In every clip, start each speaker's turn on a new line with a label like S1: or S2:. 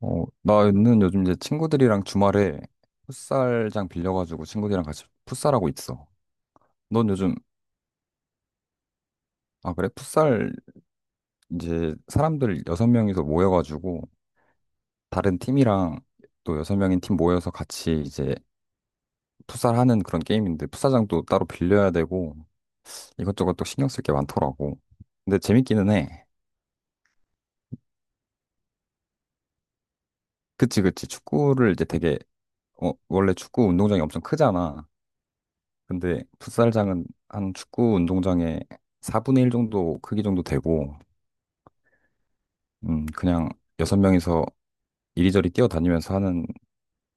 S1: 어, 나는 요즘 이제 친구들이랑 주말에 풋살장 빌려가지고 친구들이랑 같이 풋살하고 있어. 넌 요즘, 아, 그래? 풋살 이제 사람들 6명이서 모여가지고 다른 팀이랑 또 6명인 팀 모여서 같이 이제 풋살하는 그런 게임인데 풋살장도 따로 빌려야 되고 이것저것 또 신경 쓸 게 많더라고. 근데 재밌기는 해. 그치, 그치. 축구를 이제 되게, 어, 원래 축구 운동장이 엄청 크잖아. 근데 풋살장은 한 축구 운동장의 4분의 1 정도 크기 정도 되고, 그냥 6명이서 이리저리 뛰어다니면서 하는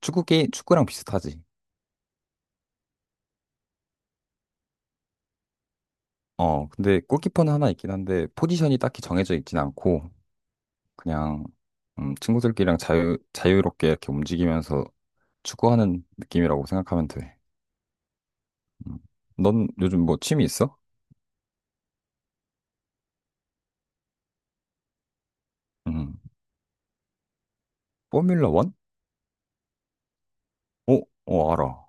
S1: 축구 게 축구랑 비슷하지. 어, 근데 골키퍼는 하나 있긴 한데 포지션이 딱히 정해져 있진 않고 그냥 친구들끼리랑 자유롭게 이렇게 움직이면서 축구하는 느낌이라고 생각하면 돼. 음. 넌 요즘 뭐 취미 있어? 음. 포뮬러 원? 어, 어, 알아.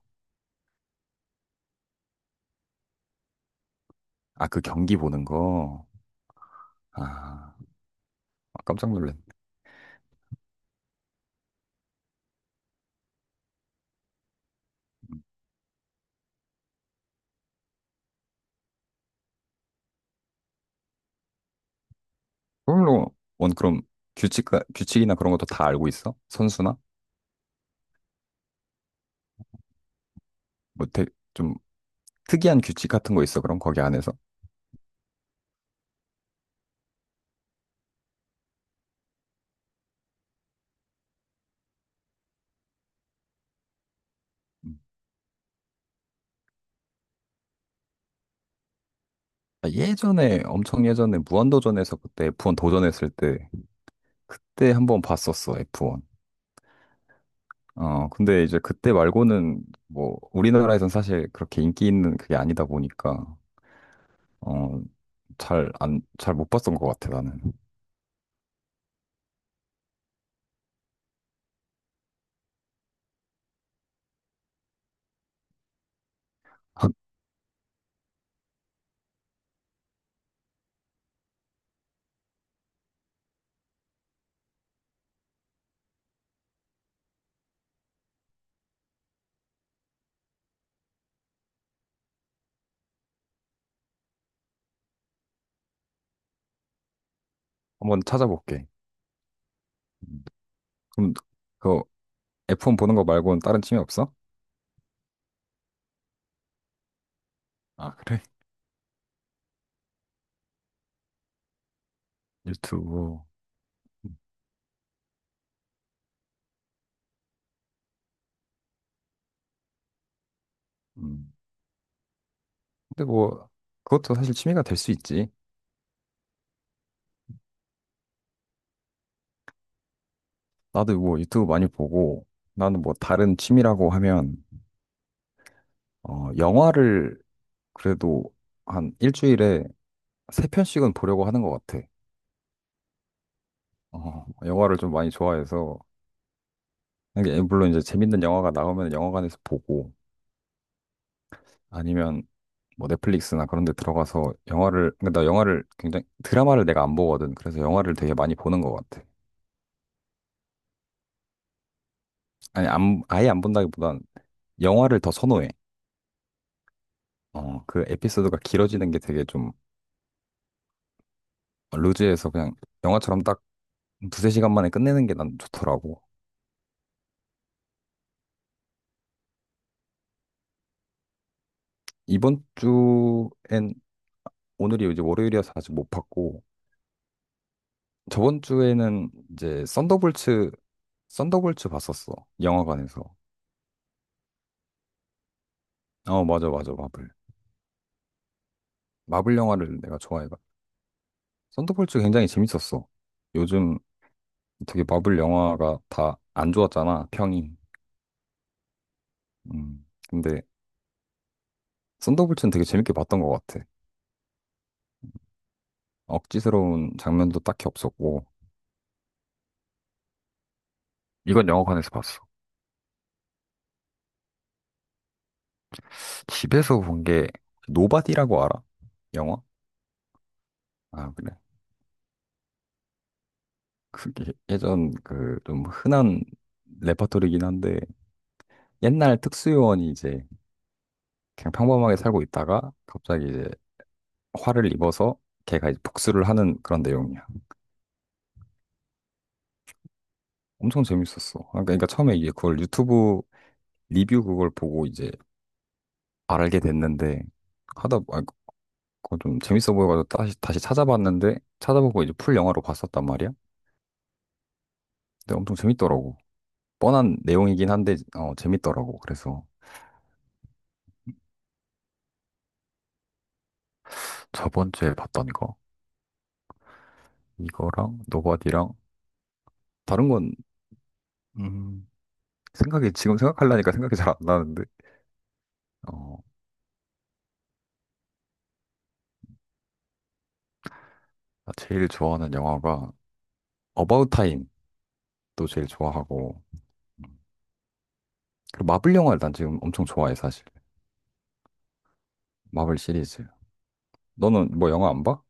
S1: 아, 그 경기 보는 거. 아, 아, 깜짝 놀랐네. 그럼 원 그럼 규칙 규칙이나 그런 것도 다 알고 있어? 선수나 뭐 좀 특이한 규칙 같은 거 있어? 그럼 거기 안에서? 음. 아, 예전에 엄청 예전에 무한도전에서 그때 F1 도전했을 때 그때 한번 봤었어 F1. 어 근데 이제 그때 말고는 뭐 우리나라에선 사실 그렇게 인기 있는 그게 아니다 보니까 어, 잘 안, 잘 못 봤던 것 같아, 나는. 한 번 찾아볼게. 음, 그럼 그 F1 보는 거 말고는 다른 취미 없어? 아, 그래? 유튜브. 음. 근데 뭐 그것도 사실 취미가 될 수 있지. 나도 뭐 유튜브 많이 보고 나는 뭐 다른 취미라고 하면 어, 영화를 그래도 한 1주일에 3편씩은 보려고 하는 것 같아. 어, 영화를 좀 많이 좋아해서 이게 물론 이제 재밌는 영화가 나오면 영화관에서 보고 아니면 뭐 넷플릭스나 그런 데 들어가서 영화를 근데 나 영화를 굉장히 드라마를 내가 안 보거든. 그래서 영화를 되게 많이 보는 것 같아. 아니 안 아예 안 본다기보단 영화를 더 선호해. 어, 그 에피소드가 길어지는 게 되게 좀 루즈해서 그냥 영화처럼 딱 2~3시간 만에 끝내는 게 난 좋더라고. 이번 주엔 오늘이 이제 월요일이어서 아직 못 봤고 저번 주에는 이제 썬더볼츠 썬더볼츠 봤었어. 영화관에서. 어, 맞아 맞아. 마블. 마블 영화를 내가 좋아해 썬더볼츠 굉장히 재밌었어. 요즘 되게 마블 영화가 다 안 좋았잖아, 평이. 근데 썬더볼츠는 되게 재밌게 봤던 것 같아. 억지스러운 장면도 딱히 없었고. 이건 영화관에서 봤어. 집에서 본 게 노바디라고 알아? 영화? 아, 그래. 그게 예전 그 좀 흔한 레퍼토리긴 한데 옛날 특수요원이 이제 그냥 평범하게 살고 있다가 갑자기 이제 화를 입어서 걔가 이제 복수를 하는 그런 내용이야. 엄청 재밌었어. 아, 그러니까 처음에 이게 그걸 유튜브 리뷰 그걸 보고 이제 알게 됐는데 하다 아, 그거 좀 재밌어 보여가지고 다시 찾아봤는데 찾아보고 이제 풀 영화로 봤었단 말이야. 근데 엄청 재밌더라고. 뻔한 내용이긴 한데 어, 재밌더라고. 그래서 저번 주에 봤던 거 이거랑 노바디랑 다른 건 음, 생각이 지금 생각하려니까 생각이 잘 안 나는데 어, 나 제일 좋아하는 영화가 어바웃 타임도 제일 좋아하고 음, 그리고 마블 영화를 난 지금 엄청 좋아해 사실. 마블 시리즈. 너는 뭐 영화 안 봐?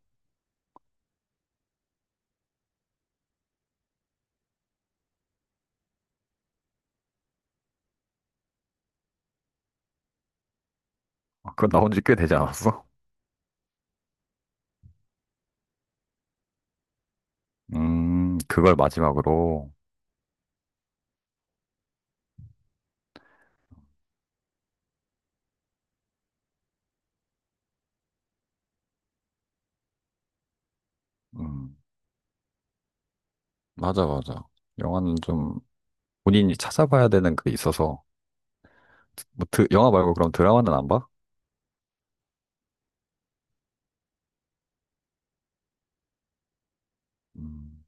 S1: 아, 그거 나온 지 꽤 되지 않았어? 그걸 마지막으로. 음, 맞아, 맞아. 영화는 좀 본인이 찾아봐야 되는 게 있어서. 뭐, 드, 영화 말고 그럼 드라마는 안 봐? 음,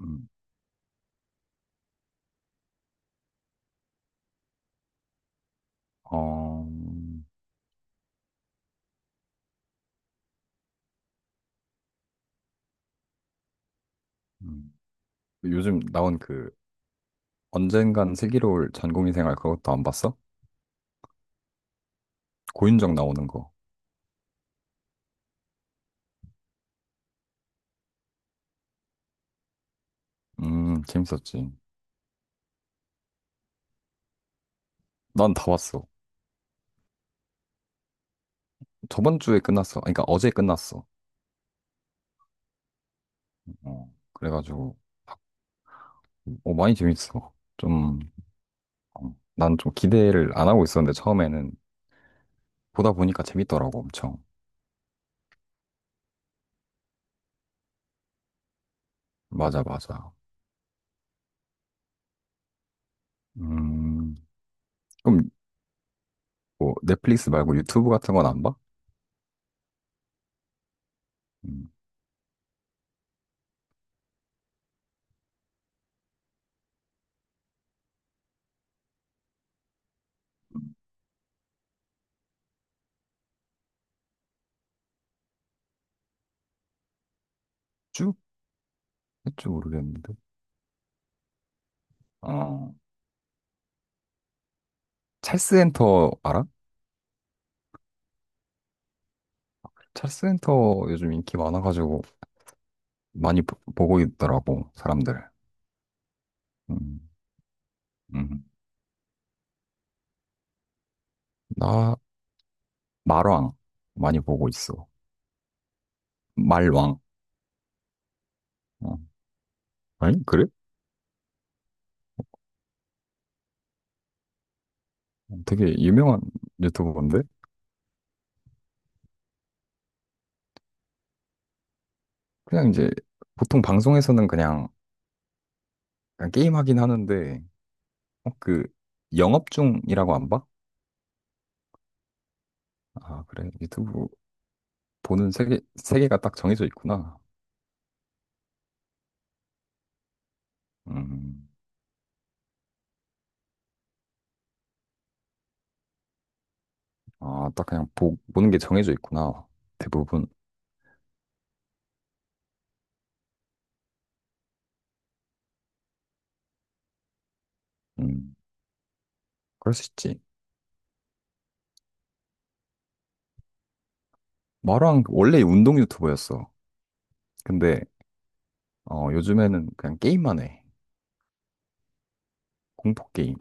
S1: 음. 어, 음. 요즘 나온 그 언젠간 슬기로울 전공의 생활 그것도 안 봤어? 고윤정 나오는 거. 재밌었지. 난 다 봤어. 저번 주에 끝났어. 아니, 그러니까 어제 끝났어. 어, 그래가지고, 어, 많이 재밌어. 좀 난좀 기대를 안 하고 있었는데 처음에는 보다 보니까 재밌더라고 엄청. 맞아 맞아. 음 그럼 뭐 넷플릭스 말고 유튜브 같은 건 안 봐? 음, 쭉 했지 모르겠는데. 아 찰스 엔터 알아? 찰스 엔터 요즘 인기 많아가지고 많이 보- 보고 있더라고 사람들. 음, 음. 나 말왕 많이 보고 있어. 말왕. 어. 아니 그래? 되게 유명한 유튜버인데 그냥 이제 보통 방송에서는 그냥 게임 하긴 하는데, 어, 그, 영업 중이라고 안 봐? 아, 그래. 유튜브 보는 세계가 딱 정해져 있구나. 음, 아, 딱 그냥 보, 보는 게 정해져 있구나. 대부분. 음, 그럴 수 있지. 마루랑 원래 운동 유튜버였어. 근데, 어, 요즘에는 그냥 게임만 해. 공포 게임.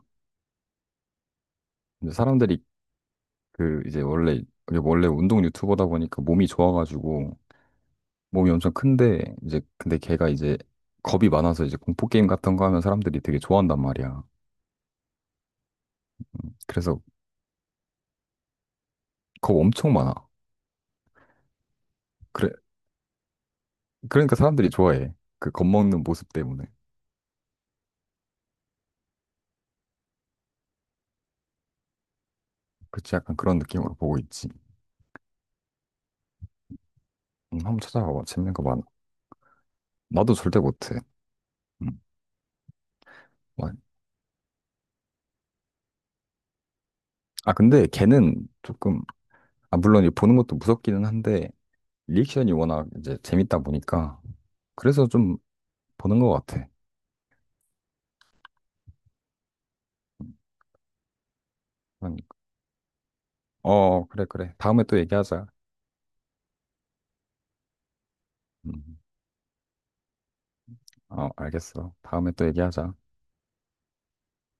S1: 근데 사람들이 그, 이제 원래 운동 유튜버다 보니까 몸이 좋아가지고, 몸이 엄청 큰데 이제 근데 걔가 이제 겁이 많아서 이제 공포 게임 같은 거 하면 사람들이 되게 좋아한단 말이야. 그래서 겁 엄청 많아. 그래 그러니까 사람들이 좋아해. 그 겁 먹는 모습 때문에. 그치 약간 그런 느낌으로 보고 있지. 한번 찾아봐봐. 재밌는 거 많아. 나도 절대 못해. 음, 와. 아 근데 걔는 조금 아 물론 이 보는 것도 무섭기는 한데 리액션이 워낙 이제 재밌다 보니까 그래서 좀 보는 것 같아. 음, 그러니까. 어 그래 그래 다음에 또 얘기하자. 음. 어, 알겠어. 다음에 또 얘기하자.